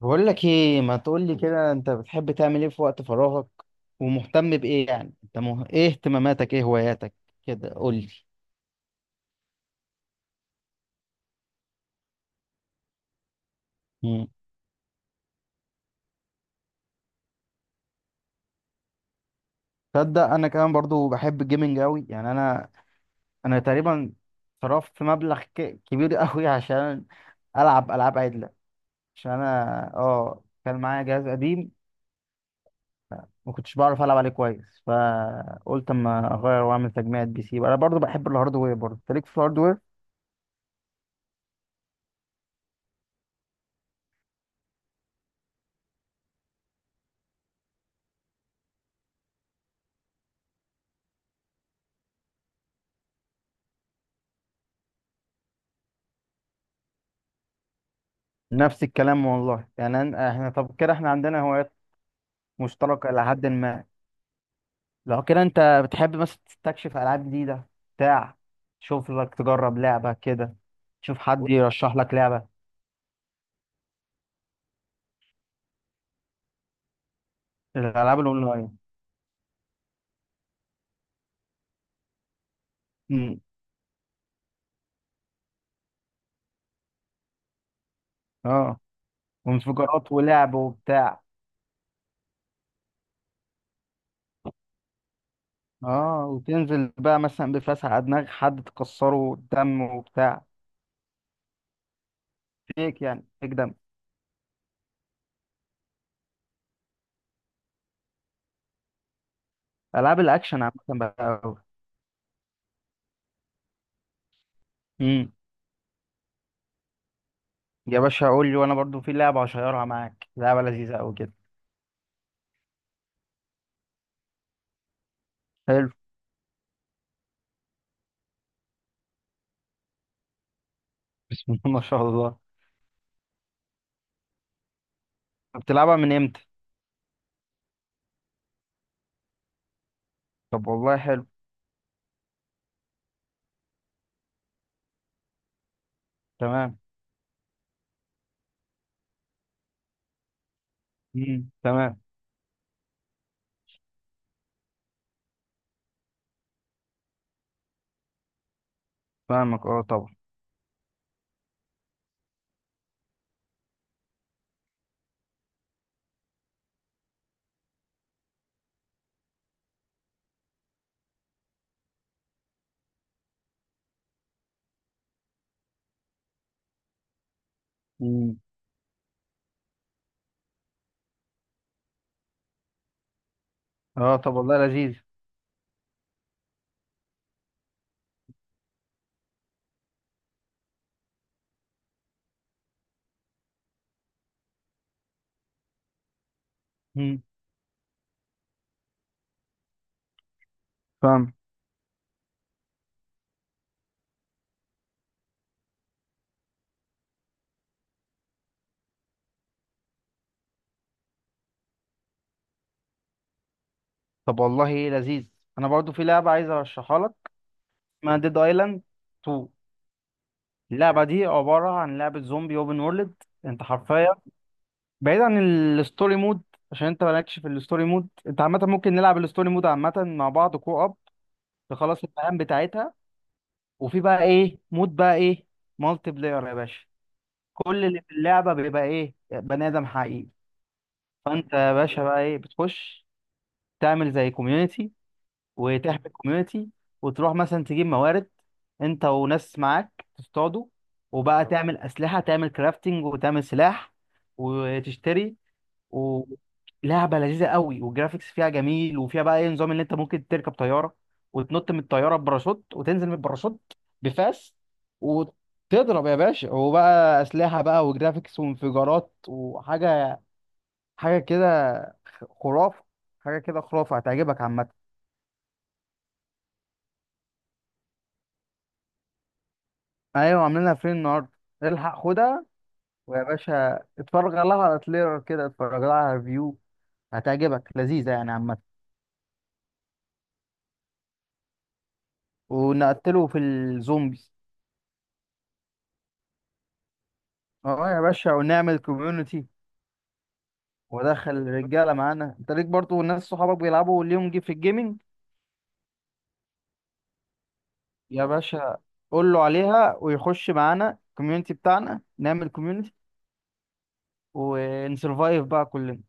بقول لك ايه، ما تقول لي كده. انت بتحب تعمل ايه في وقت فراغك، ومهتم بايه؟ يعني انت ايه اهتماماتك، ايه هواياتك؟ كده قول لي. مم. تصدق انا كمان برضو بحب الجيمنج قوي. يعني انا تقريبا صرفت مبلغ كبير قوي عشان العب العاب عدله. عشان انا اه كان معايا جهاز قديم، ما كنتش بعرف العب عليه كويس، فقلت اما اغير واعمل تجميعة بي سي. انا برضو بحب الهاردوير، برضو أنت ليك في الهاردوير؟ نفس الكلام والله. يعني احنا طب كده احنا عندنا هوايات مشتركة إلى حد ما. لو كده أنت بتحب مثلا تستكشف ألعاب جديدة؟ بتاع، تشوف لك تجرب لعبة كده، تشوف حد يرشح لك لعبة؟ الألعاب الأونلاين. أمم، أه وانفجارات ولعب وبتاع. أه وتنزل بقى مثلا بفلاس على دماغ حد تكسره دم وبتاع، فيك يعني فيك دم. ألعاب الأكشن عامة بقى أوي. أمم، يا باشا قول لي، وأنا برضو في لعبة هشيرها معاك، لعبة لذيذة أوي كده. حلو. بسم الله ما شاء الله. بتلعبها من إمتى؟ طب والله حلو. تمام. مم. تمام. فاهمك اه طبعا. مم. اه طب والله لذيذ. مم. فاهم. طب والله لذيذ. انا برضو في لعبه عايز ارشحها لك، اسمها ديد ايلاند 2. اللعبه دي عباره عن لعبه زومبي اوبن وورلد. انت حرفيا، بعيد عن الستوري مود، عشان انت مالكش في الستوري مود. انت عامه ممكن نلعب الستوري مود عامه مع بعض كو اب، تخلص المهام بتاعتها. وفي بقى ايه، مود بقى ايه، مالتي بلاير يا باشا. كل اللي في اللعبه بيبقى ايه، بني ادم حقيقي. فانت يا باشا بقى ايه بتخش تعمل زي كوميونتي، وتحمل كوميونتي، وتروح مثلا تجيب موارد انت وناس معاك تصطادوا، وبقى تعمل اسلحه، تعمل كرافتنج وتعمل سلاح وتشتري. ولعبه لذيذه قوي، والجرافيكس فيها جميل، وفيها بقى ايه نظام ان انت ممكن تركب طياره وتنط من الطياره بباراشوت وتنزل من الباراشوت بفاس وتضرب يا باشا. وبقى اسلحه بقى وجرافيكس وانفجارات وحاجه، حاجه كده خرافه. حاجه كده خرافه، هتعجبك عامه. ايوه عاملينها فين النهارده، الحق خدها. ويا باشا اتفرج لها على تريلر كده، اتفرج لها على ريفيو، هتعجبك، لذيذه يعني عامه. ونقتله في الزومبيز. اه يا باشا ونعمل كوميونتي. ودخل الرجاله معانا. انت ليك برضه ناس صحابك بيلعبوا ليهم جي في الجيمنج؟ يا باشا قول له عليها ويخش معانا الكوميونتي بتاعنا، نعمل كوميونتي. ونسرفايف بقى كلنا.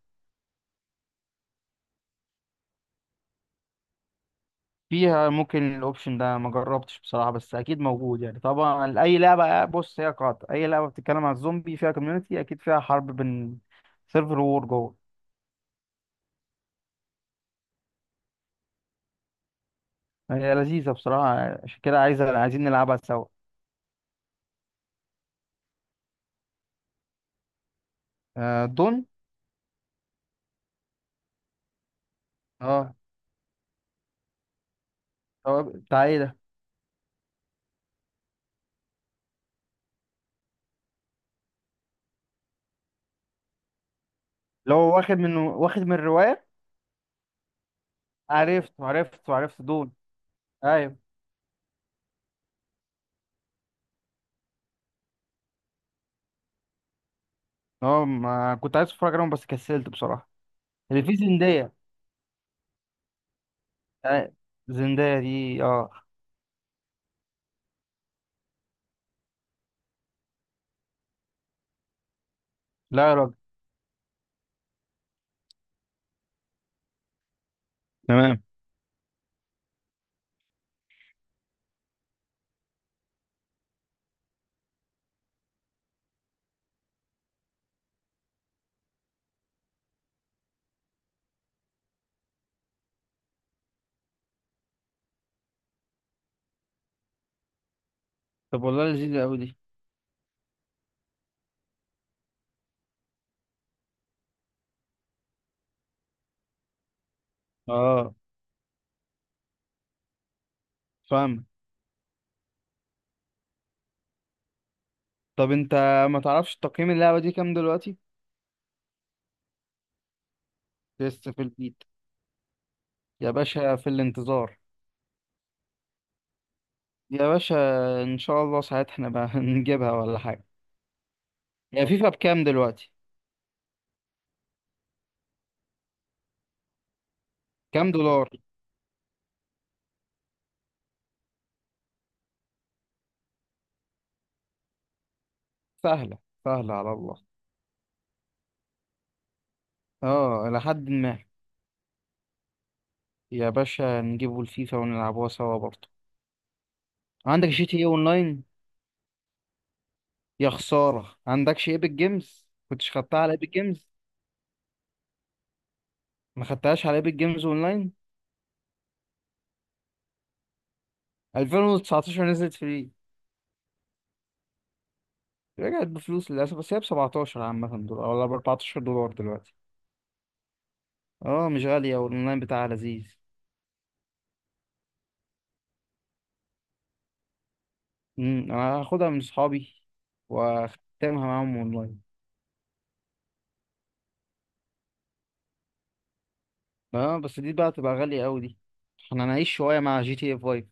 فيها ممكن الاوبشن ده ما جربتش بصراحه، بس اكيد موجود. يعني طبعا اي لعبه، بص هي قاطع اي لعبه بتتكلم عن الزومبي فيها كوميونتي، اكيد فيها حرب بين سيرفر وور جوه. هي لذيذه بصراحه، عشان كده عايزه عايزين نلعبها سوا. آه دون. اه هو بتاع ايه ده؟ اللي هو واخد من، واخد من الروايه. عرفت عرفت عرفت، دون. ايوه. اه ما كنت عايز اتفرج عليهم بس كسلت بصراحه. اللي فيه زندية. آه، زندية دي اه. لا يا راجل. تمام. طب والله لذيذة أوي دي. اه فاهم. طب انت ما تعرفش تقييم اللعبة دي كام دلوقتي؟ لسه في البيت. يا باشا في الانتظار. يا باشا ان شاء الله ساعتها احنا بقى نجيبها ولا حاجة. هي فيفا بكام دلوقتي؟ كام دولار؟ سهلة، سهلة على الله. اه لحد ما. يا باشا نجيبوا الفيفا ونلعبوها سوا برضه. عندك جي تي ايه اونلاين؟ يا خسارة، عندكش ايبك جيمز؟ كنتش خدتها على ايبك جيمز؟ ما خدتهاش على ايبك جيمز اونلاين؟ 2019 نزلت فري. رجعت بفلوس للأسف، بس هي ب 17 عامة دولار ولا ب 14 دولار دلوقتي. اه مش غالية، والأونلاين بتاعها لذيذ. أنا هاخدها من صحابي وأختمها معاهم أونلاين. اه بس دي بقى تبقى غالية أوي دي، احنا هنعيش شوية مع جي تي اف 5.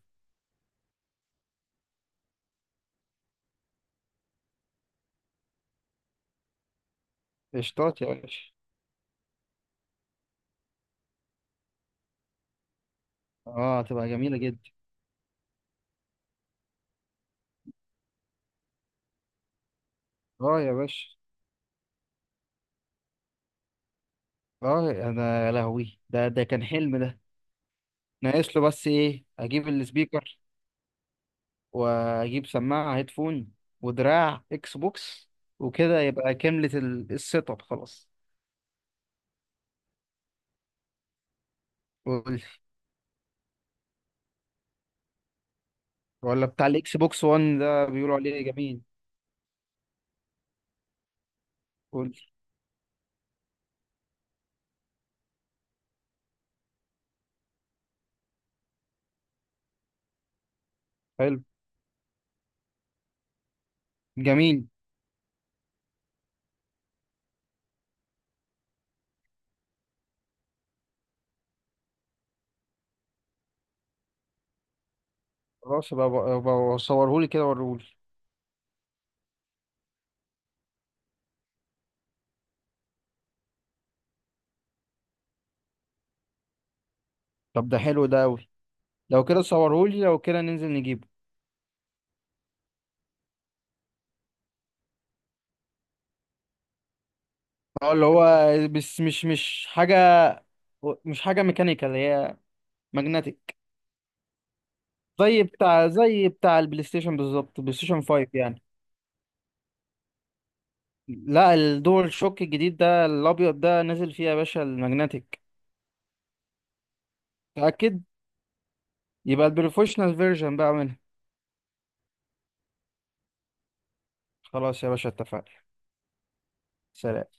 قشطات يا باشا. اه هتبقى جميلة جدا. اه يا باشا. اه انا يا لهوي، ده كان حلم ده. ناقص له بس ايه، اجيب السبيكر واجيب سماعة هيدفون ودراع اكس بوكس، وكده يبقى كاملة السيت اب خلاص. قول لي. ولا بتاع الاكس بوكس 1 ده بيقولوا عليه جميل؟ قول لي. حلو. جميل. خلاص بقى صورهولي كده وريهولي. طب ده حلو ده قوي. لو كده صورهولي، لو كده ننزل نجيبه. اه اللي هو، بس مش حاجة، مش حاجة ميكانيكال هي، ماجنتيك. زي بتاع، زي بتاع البلاي ستيشن بالظبط، بلاي ستيشن 5 يعني. لا الدول شوك الجديد ده الابيض ده نزل فيه يا باشا الماجنتيك. متأكد؟ يبقى البروفيشنال فيرجن بقى منها. خلاص يا باشا اتفقنا. سلام.